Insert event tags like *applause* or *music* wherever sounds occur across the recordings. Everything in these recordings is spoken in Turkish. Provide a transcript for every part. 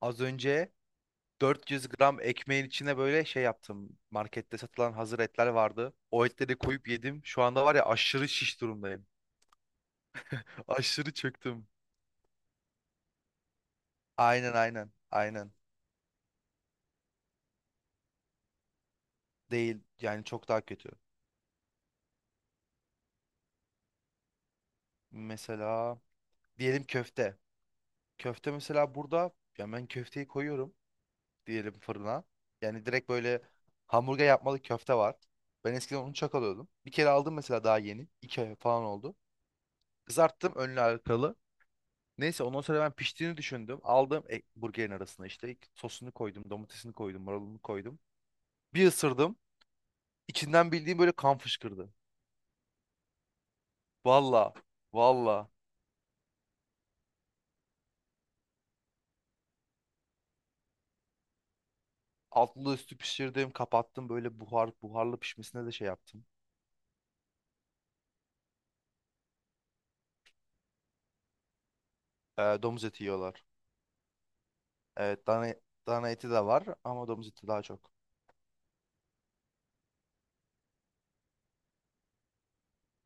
Az önce 400 gram ekmeğin içine böyle şey yaptım. Markette satılan hazır etler vardı. O etleri koyup yedim. Şu anda var ya, aşırı şiş durumdayım. *laughs* Aşırı çöktüm. Aynen, aynen. Aynen. Değil. Yani çok daha kötü. Mesela diyelim köfte. Köfte mesela burada, ya ben köfteyi koyuyorum diyelim fırına. Yani direkt böyle hamburger yapmalı köfte var. Ben eskiden onu çok alıyordum. Bir kere aldım mesela daha yeni. 2 ay falan oldu. Kızarttım önlü arkalı. Neyse ondan sonra ben piştiğini düşündüm. Aldım, burgerin arasına işte sosunu koydum, domatesini koydum, marulunu koydum. Bir ısırdım. İçinden bildiğim böyle kan fışkırdı. Valla, valla. Altlı üstü pişirdim, kapattım. Böyle buharlı pişmesine de şey yaptım. Domuz eti yiyorlar. Evet, dana eti de var ama domuz eti daha çok.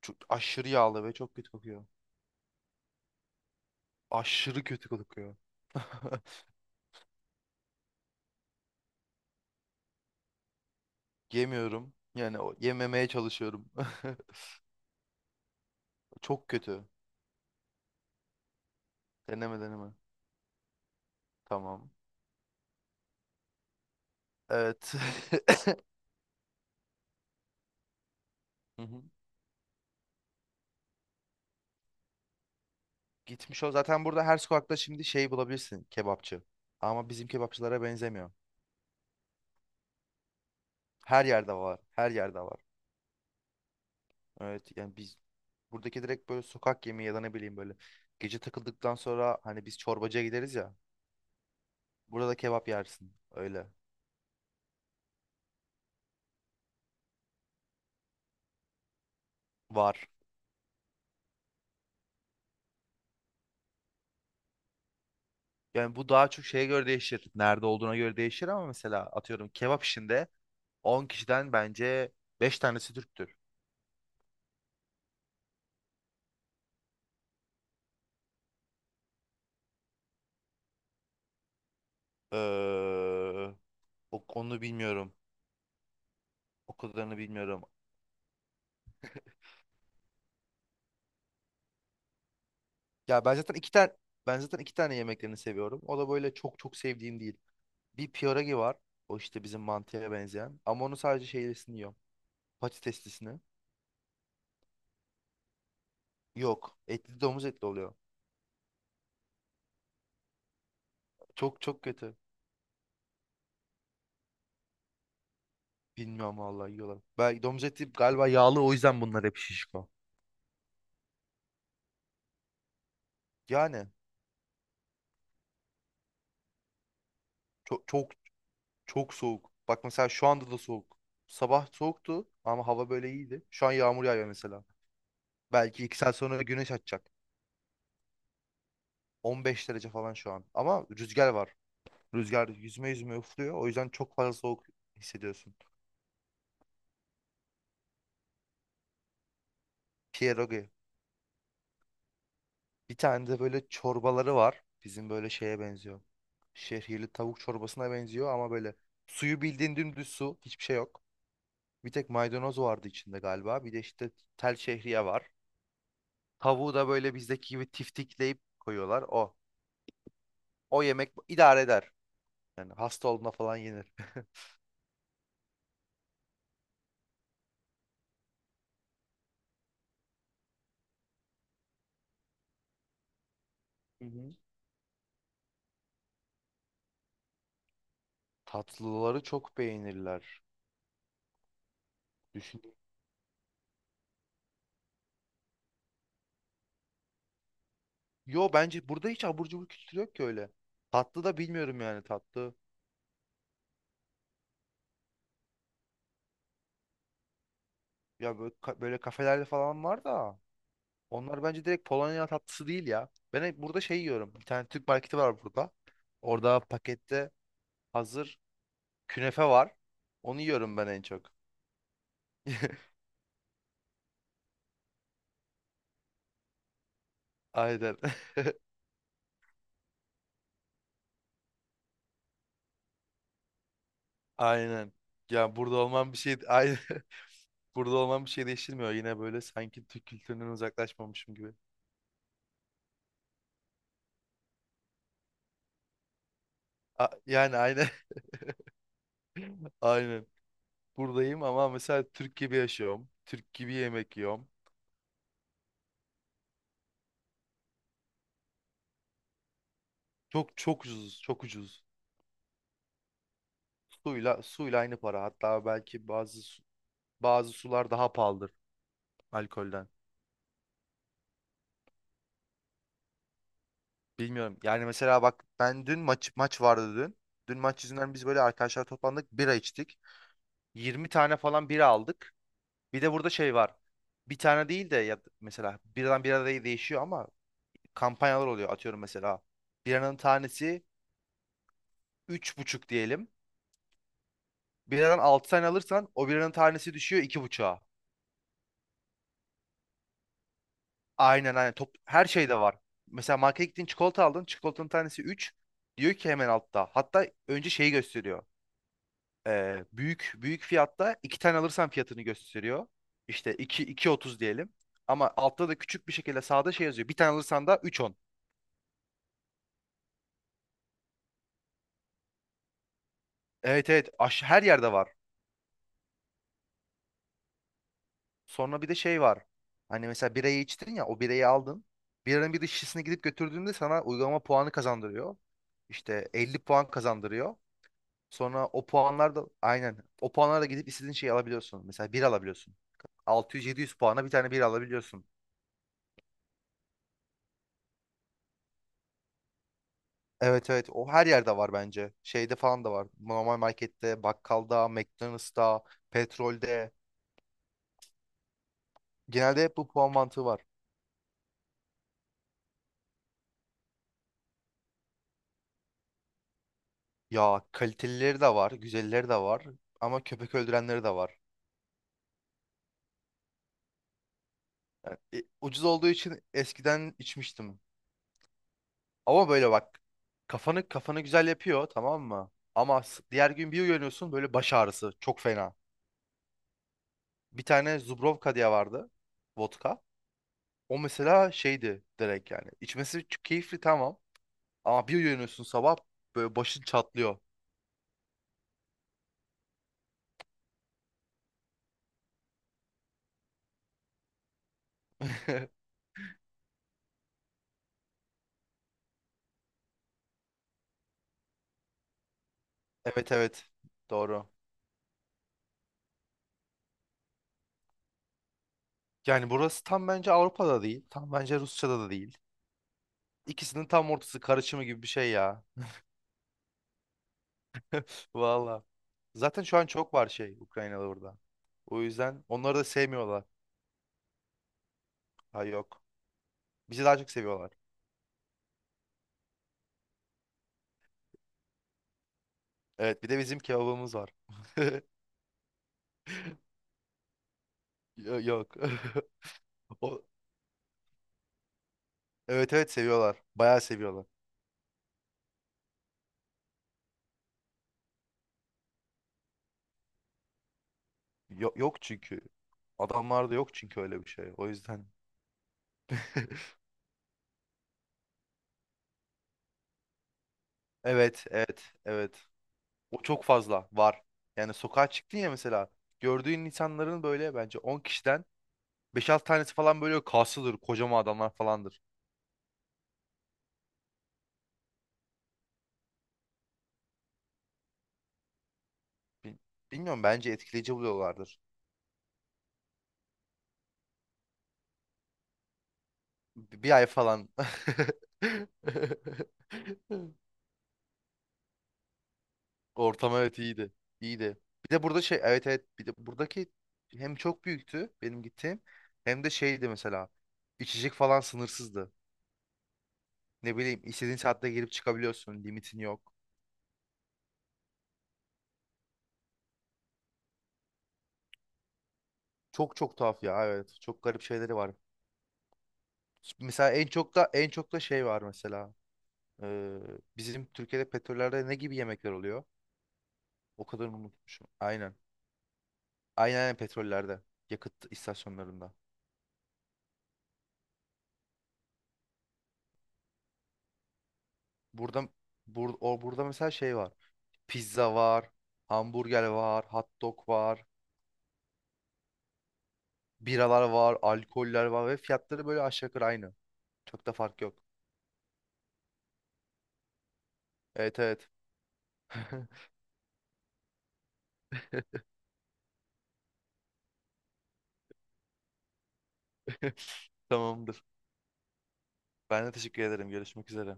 Çok aşırı yağlı ve çok kötü kokuyor. Aşırı kötü kokuyor. *laughs* Yemiyorum. Yani yememeye çalışıyorum. *laughs* Çok kötü. Deneme deneme. Tamam. Evet. *laughs* Hı hı. Gitmiş o. Zaten burada her sokakta şimdi şey bulabilirsin, kebapçı. Ama bizim kebapçılara benzemiyor. Her yerde var. Her yerde var. Evet, yani biz buradaki direkt böyle sokak yemeği ya da ne bileyim böyle gece takıldıktan sonra hani biz çorbacıya gideriz ya. Burada da kebap yersin. Öyle. Var. Yani bu daha çok şeye göre değişir. Nerede olduğuna göre değişir ama mesela atıyorum kebap işinde 10 kişiden bence beş tanesi Türktür. Ee, Onu bilmiyorum. O kadarını bilmiyorum. Ya ben zaten iki tane yemeklerini seviyorum. O da böyle çok çok sevdiğim değil. Bir pierogi var. O işte bizim mantıya benzeyen. Ama onu sadece şeylisini yiyorum. Patateslisini. Yok. Etli, domuz etli oluyor. Çok çok kötü. Bilmiyorum vallahi, yiyorlar. Belki domuz eti galiba yağlı, o yüzden bunlar hep şişko. Yani çok çok çok soğuk. Bak mesela şu anda da soğuk. Sabah soğuktu ama hava böyle iyiydi. Şu an yağmur yağıyor mesela. Belki 2 saat sonra güneş açacak. 15 derece falan şu an. Ama rüzgar var. Rüzgar yüzme yüzme üflüyor. O yüzden çok fazla soğuk hissediyorsun. Pierogi. Bir tane de böyle çorbaları var. Bizim böyle şeye benziyor. Şehirli tavuk çorbasına benziyor ama böyle suyu bildiğin dümdüz su. Hiçbir şey yok. Bir tek maydanoz vardı içinde galiba. Bir de işte tel şehriye var. Tavuğu da böyle bizdeki gibi tiftikleyip koyuyorlar. O. O yemek idare eder. Yani hasta olduğunda falan yenir. *laughs* Hı hı. Tatlıları çok beğenirler. Yo, bence burada hiç abur cubur kültürü yok ki öyle. Tatlı da bilmiyorum yani, tatlı. Ya böyle, böyle kafelerde falan var da. Onlar bence direkt Polonya tatlısı değil ya. Ben hep burada şey yiyorum. Bir tane Türk marketi var burada. Orada pakette hazır künefe var. Onu yiyorum ben en çok. *laughs* Aynen. *laughs* Aynen. Ya burada olmam bir şey *laughs* aynen. Burada olmam bir şey değiştirmiyor. Yine böyle sanki Türk kültüründen uzaklaşmamışım gibi. Yani aynen. *laughs* Aynen. Buradayım ama mesela Türk gibi yaşıyorum. Türk gibi yemek yiyorum. Çok çok ucuz, çok ucuz. Suyla aynı para. Hatta belki bazı sular daha pahalıdır alkolden. Bilmiyorum. Yani mesela bak, ben dün maç vardı dün. Dün maç yüzünden biz böyle arkadaşlar toplandık, bira içtik. 20 tane falan bira aldık. Bir de burada şey var. Bir tane değil de, ya mesela biradan bira değişiyor ama kampanyalar oluyor atıyorum mesela. Biranın tanesi 3,5 diyelim. Biradan 6 tane alırsan o biranın tanesi düşüyor 2,5'a. Aynen, aynen. Her şeyde var. Mesela markete gittin, çikolata aldın. Çikolatanın tanesi üç, diyor ki. Hemen altta, hatta önce şeyi gösteriyor. Büyük büyük fiyatta, 2 tane alırsan fiyatını gösteriyor. İşte iki otuz diyelim. Ama altta da küçük bir şekilde sağda şey yazıyor, bir tane alırsan da üç on. Evet, evet. Her yerde var. Sonra bir de şey var. Hani mesela birayı içtin ya, o birayı aldın. Biranın bir de şişesini gidip götürdüğünde sana uygulama puanı kazandırıyor. İşte 50 puan kazandırıyor. Sonra o puanlar da, aynen, o puanlarla gidip istediğin şeyi alabiliyorsun. Mesela bir alabiliyorsun. 600-700 puana bir tane bir alabiliyorsun. Evet, evet, o her yerde var bence. Şeyde falan da var. Normal markette, bakkalda, McDonald's'ta, petrolde. Genelde hep bu puan mantığı var. Ya kalitelileri de var, güzelleri de var ama köpek öldürenleri de var. Yani, ucuz olduğu için eskiden içmiştim. Ama böyle bak, kafanı güzel yapıyor, tamam mı? Ama diğer gün bir uyanıyorsun, böyle baş ağrısı çok fena. Bir tane Zubrovka diye vardı, vodka. O mesela şeydi direkt yani. İçmesi çok keyifli, tamam. Ama bir uyanıyorsun sabah böyle başın çatlıyor. *laughs* Evet, evet, doğru. Yani burası tam bence Avrupa'da değil. Tam bence Rusya'da da değil. İkisinin tam ortası karışımı gibi bir şey ya. *laughs* Valla. Zaten şu an çok var şey, Ukraynalı burada. O yüzden onları da sevmiyorlar. Ha, yok. Bizi daha çok seviyorlar. Evet, bir de bizim kebabımız var. *laughs* Yok. *laughs* O, evet evet, seviyorlar. Bayağı seviyorlar. Yok, yok çünkü. Adamlarda yok çünkü öyle bir şey. O yüzden. *laughs* Evet, evet, evet. O çok fazla var. Yani sokağa çıktın ya mesela. Gördüğün insanların böyle bence 10 kişiden beş 6 tanesi falan böyle kaslıdır. Kocaman adamlar falandır. Bil- Bilmiyorum, bence etkileyici buluyorlardır. Bir ay falan. *laughs* Ortam evet iyiydi. İyiydi. Bir de burada şey, evet evet, bir de buradaki hem çok büyüktü benim gittiğim hem de şeydi mesela, içecek falan sınırsızdı. Ne bileyim, istediğin saatte girip çıkabiliyorsun, limitin yok. Çok çok tuhaf ya evet, çok garip şeyleri var. Mesela en çok da şey var mesela. Ee, Bizim Türkiye'de petrollerde ne gibi yemekler oluyor? O kadar unutmuşum. Aynen. Aynen, aynen petrollerde, yakıt istasyonlarında. Burada, o burada mesela şey var. Pizza var, hamburger var, hot dog var, biralar var, alkoller var ve fiyatları böyle aşağı yukarı aynı. Çok da fark yok. Evet, evet. *laughs* Tamamdır. Ben de teşekkür ederim. Görüşmek üzere.